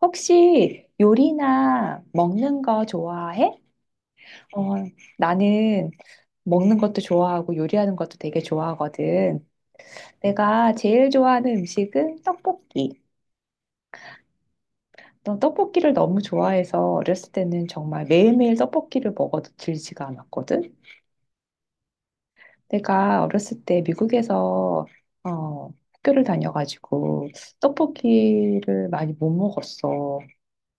혹시 요리나 먹는 거 좋아해? 어, 나는 먹는 것도 좋아하고 요리하는 것도 되게 좋아하거든. 내가 제일 좋아하는 음식은 떡볶이. 난 떡볶이를 너무 좋아해서 어렸을 때는 정말 매일매일 떡볶이를 먹어도 질지가 않았거든. 내가 어렸을 때 미국에서 어, 학교를 다녀가지고 떡볶이를 많이 못 먹었어.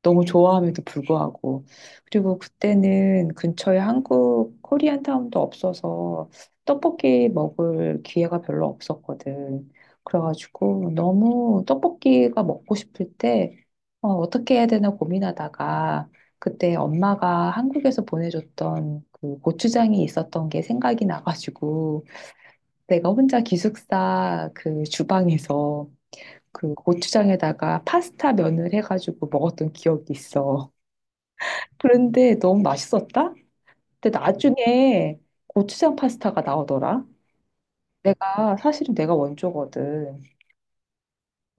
너무 좋아함에도 불구하고. 그리고 그때는 근처에 한국 코리안타운도 없어서 떡볶이 먹을 기회가 별로 없었거든. 그래가지고 너무 떡볶이가 먹고 싶을 때 어떻게 해야 되나 고민하다가 그때 엄마가 한국에서 보내줬던 그 고추장이 있었던 게 생각이 나가지고 내가 혼자 기숙사 그 주방에서 그 고추장에다가 파스타 면을 해가지고 먹었던 기억이 있어. 그런데 너무 맛있었다? 근데 나중에 고추장 파스타가 나오더라. 사실은 내가 원조거든.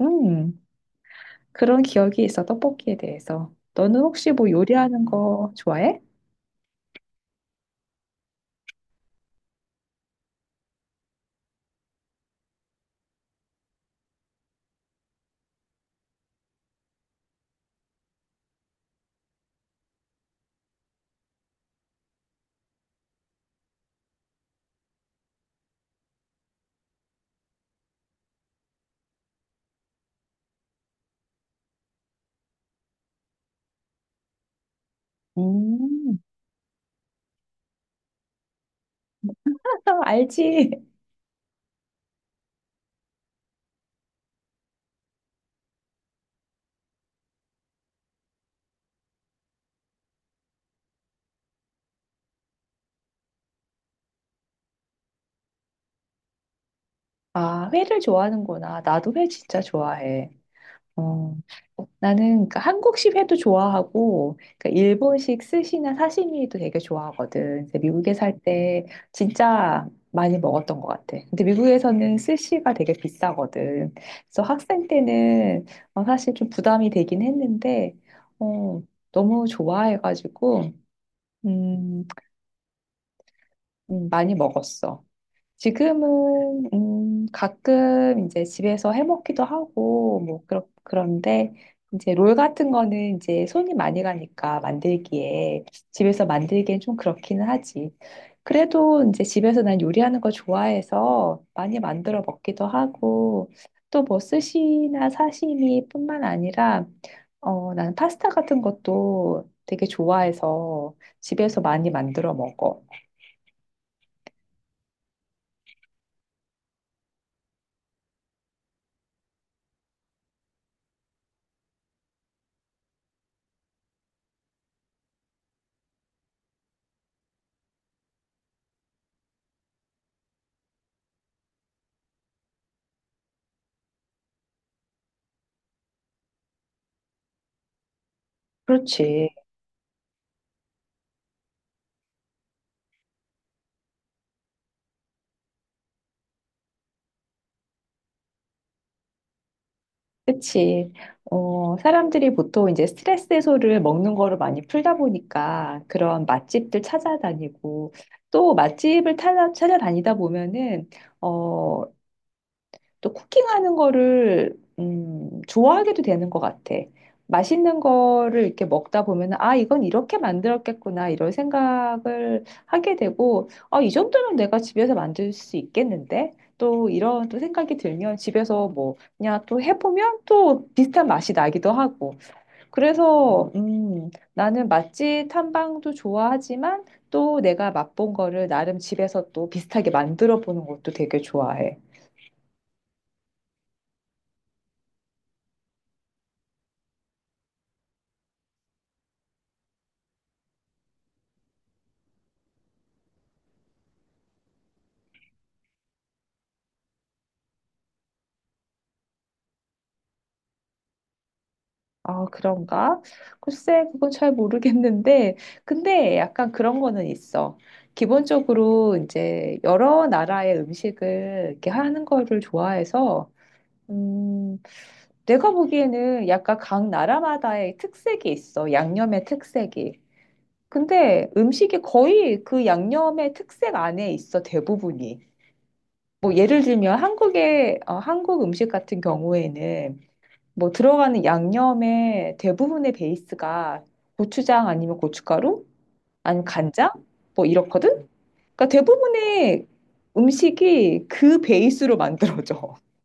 음, 그런 기억이 있어, 떡볶이에 대해서. 너는 혹시 뭐 요리하는 거 좋아해? 음. 알지? 아, 회를 좋아하는구나. 나도 회 진짜 좋아해. 어, 나는 그 한국식 회도 좋아하고 그 일본식 스시나 사시미도 되게 좋아하거든. 근데 미국에 살 때 진짜 많이 먹었던 것 같아. 근데 미국에서는 스시가 되게 비싸거든. 그래서 학생 때는 사실 좀 부담이 되긴 했는데 어, 너무 좋아해가지고 음, 많이 먹었어. 지금은 가끔 이제 집에서 해 먹기도 하고 뭐 그렇 그런데 이제 롤 같은 거는 이제 손이 많이 가니까 만들기에 집에서 만들기엔 좀 그렇기는 하지. 그래도 이제 집에서 난 요리하는 거 좋아해서 많이 만들어 먹기도 하고 또 뭐 스시나 사시미뿐만 아니라 난 파스타 같은 것도 되게 좋아해서 집에서 많이 만들어 먹어. 그렇지. 그치. 사람들이 보통 이제 스트레스 해소를 먹는 거를 많이 풀다 보니까 그런 맛집들 찾아다니고 또 맛집을 찾아다니다 보면은, 어, 또 쿠킹하는 거를 좋아하게도 되는 것 같아. 맛있는 거를 이렇게 먹다 보면 아 이건 이렇게 만들었겠구나 이런 생각을 하게 되고 아 이 정도면 내가 집에서 만들 수 있겠는데 또 이런 또 생각이 들면 집에서 뭐 그냥 또 해보면 또 비슷한 맛이 나기도 하고 그래서 나는 맛집 탐방도 좋아하지만 또 내가 맛본 거를 나름 집에서 또 비슷하게 만들어 보는 것도 되게 좋아해. 아, 그런가? 글쎄, 그건 잘 모르겠는데, 근데 약간 그런 거는 있어. 기본적으로 이제 여러 나라의 음식을 이렇게 하는 거를 좋아해서, 음, 내가 보기에는 약간 각 나라마다의 특색이 있어. 양념의 특색이. 근데 음식이 거의 그 양념의 특색 안에 있어, 대부분이. 뭐 예를 들면 한국 음식 같은 경우에는 뭐 들어가는 양념의 대부분의 베이스가 고추장 아니면 고춧가루 아니면 간장 뭐 이렇거든. 그러니까 대부분의 음식이 그 베이스로 만들어져.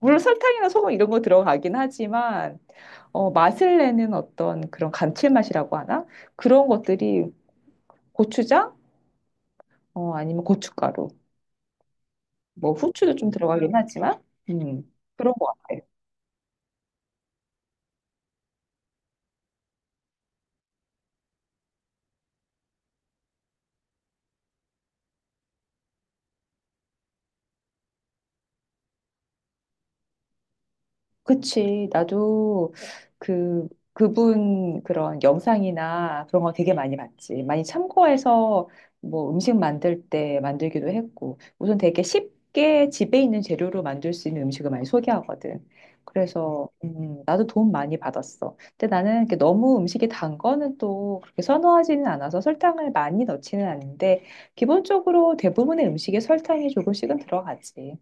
물론 설탕이나 소금 이런 거 들어가긴 하지만 맛을 내는 어떤 그런 감칠맛이라고 하나? 그런 것들이 고추장 아니면 고춧가루 뭐 후추도 좀 들어가긴 하지만 음, 그런 것 같아. 그치. 나도 그, 그분 그런 영상이나 그런 거 되게 많이 봤지. 많이 참고해서 뭐 음식 만들 때 만들기도 했고. 우선 되게 쉽게 집에 있는 재료로 만들 수 있는 음식을 많이 소개하거든. 그래서, 나도 도움 많이 받았어. 근데 나는 이렇게 너무 음식이 단 거는 또 그렇게 선호하지는 않아서 설탕을 많이 넣지는 않는데, 기본적으로 대부분의 음식에 설탕이 조금씩은 들어가지.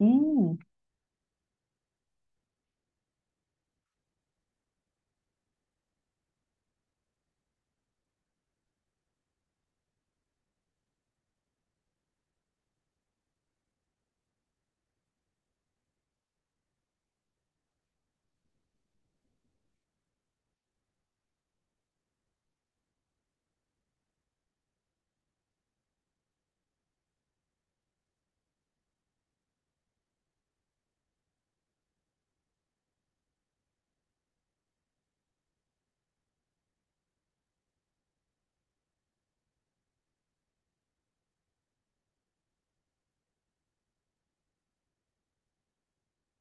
음.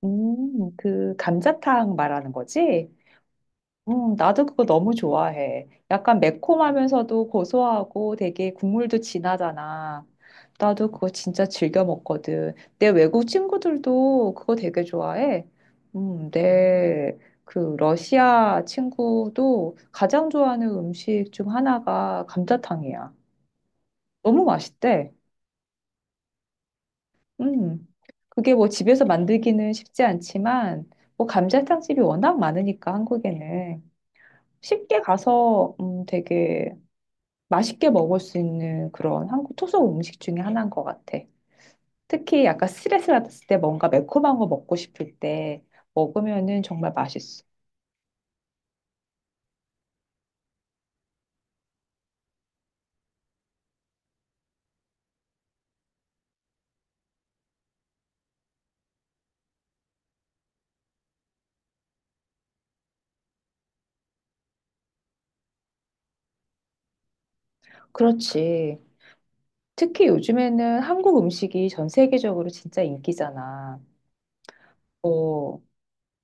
그 감자탕 말하는 거지? 나도 그거 너무 좋아해. 약간 매콤하면서도 고소하고 되게 국물도 진하잖아. 나도 그거 진짜 즐겨 먹거든. 내 외국 친구들도 그거 되게 좋아해. 내 그 러시아 친구도 가장 좋아하는 음식 중 하나가 감자탕이야. 너무 맛있대. 음, 그게 뭐 집에서 만들기는 쉽지 않지만, 뭐 감자탕집이 워낙 많으니까 한국에는 쉽게 가서 되게 맛있게 먹을 수 있는 그런 한국 토속 음식 중에 하나인 것 같아. 특히 약간 스트레스 받았을 때 뭔가 매콤한 거 먹고 싶을 때 먹으면은 정말 맛있어. 그렇지. 특히 요즘에는 한국 음식이 전 세계적으로 진짜 인기잖아. 뭐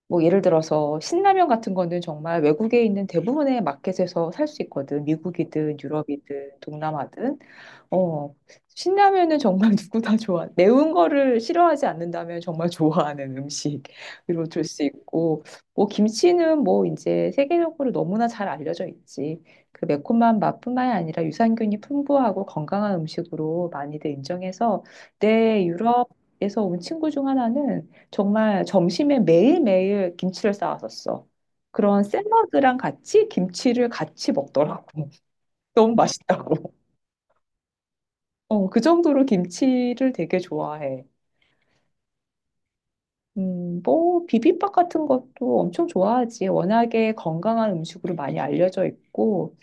뭐 예를 들어서 신라면 같은 거는 정말 외국에 있는 대부분의 마켓에서 살 수 있거든. 미국이든 유럽이든 동남아든. 어, 신라면은 정말 누구 다 좋아. 매운 거를 싫어하지 않는다면 정말 좋아하는 음식으로 줄 수 있고, 뭐 김치는 뭐 이제 세계적으로 너무나 잘 알려져 있지. 그 매콤한 맛뿐만이 아니라 유산균이 풍부하고 건강한 음식으로 많이들 인정해서 내 유럽에서 온 친구 중 하나는 정말 점심에 매일매일 김치를 싸왔었어. 그런 샐러드랑 같이 김치를 같이 먹더라고. 너무 맛있다고. 어, 그 정도로 김치를 되게 좋아해. 뭐, 비빔밥 같은 것도 엄청 좋아하지. 워낙에 건강한 음식으로 많이 알려져 있고,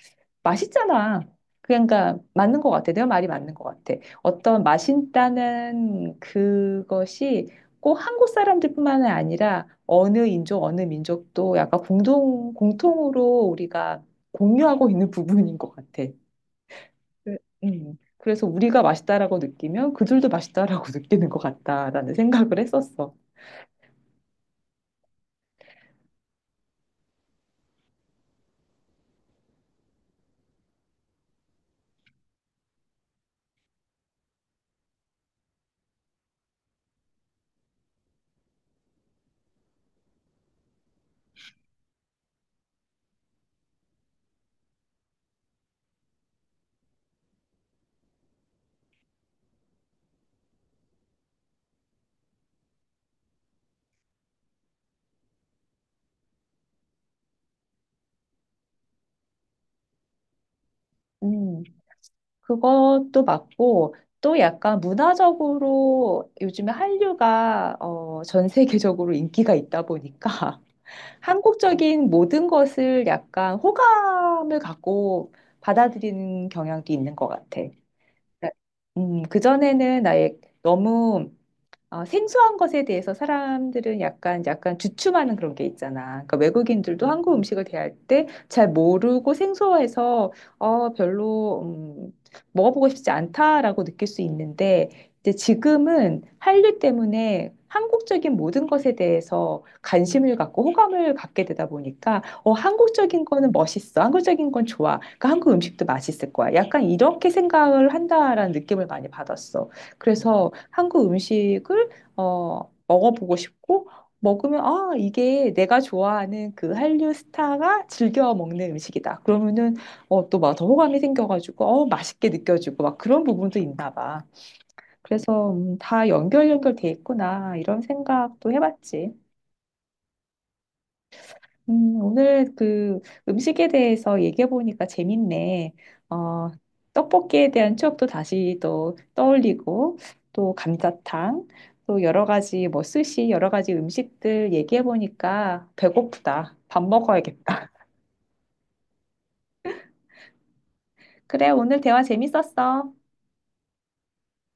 맛있잖아. 그러니까, 맞는 것 같아. 내가 말이 맞는 것 같아. 어떤 맛있다는 그것이 꼭 한국 사람들뿐만 아니라 어느 인종, 어느 민족도 약간 공통으로 우리가 공유하고 있는 부분인 것 같아. 그- 그래서 우리가 맛있다라고 느끼면 그들도 맛있다라고 느끼는 것 같다라는 생각을 했었어. 음, 그것도 맞고, 또 약간 문화적으로 요즘에 한류가 전 세계적으로 인기가 있다 보니까 한국적인 모든 것을 약간 호감을 갖고 받아들이는 경향도 있는 것 같아. 그전에는 나의 너무 생소한 것에 대해서 사람들은 약간 주춤하는 그런 게 있잖아. 그러니까 외국인들도 한국 음식을 대할 때 잘 모르고 생소해서, 어, 별로, 음, 먹어보고 싶지 않다라고 느낄 수 있는데, 이제 지금은 한류 때문에 한국적인 모든 것에 대해서 관심을 갖고 호감을 갖게 되다 보니까, 어, 한국적인 거는 멋있어. 한국적인 건 좋아. 그러니까 한국 음식도 맛있을 거야. 약간 이렇게 생각을 한다라는 느낌을 많이 받았어. 그래서 한국 음식을 먹어보고 싶고, 먹으면, 아, 이게 내가 좋아하는 그 한류 스타가 즐겨 먹는 음식이다. 그러면은, 또 막 더 호감이 생겨가지고, 맛있게 느껴지고, 막 그런 부분도 있나 봐. 그래서, 다 연결돼 있구나. 이런 생각도 해봤지. 오늘 그 음식에 대해서 얘기해 보니까 재밌네. 어, 떡볶이에 대한 추억도 다시 또 떠올리고, 또 감자탕, 또 여러 가지 뭐 스시, 여러 가지 음식들 얘기해 보니까 배고프다. 밥 먹어야겠다. 그래, 오늘 대화 재밌었어.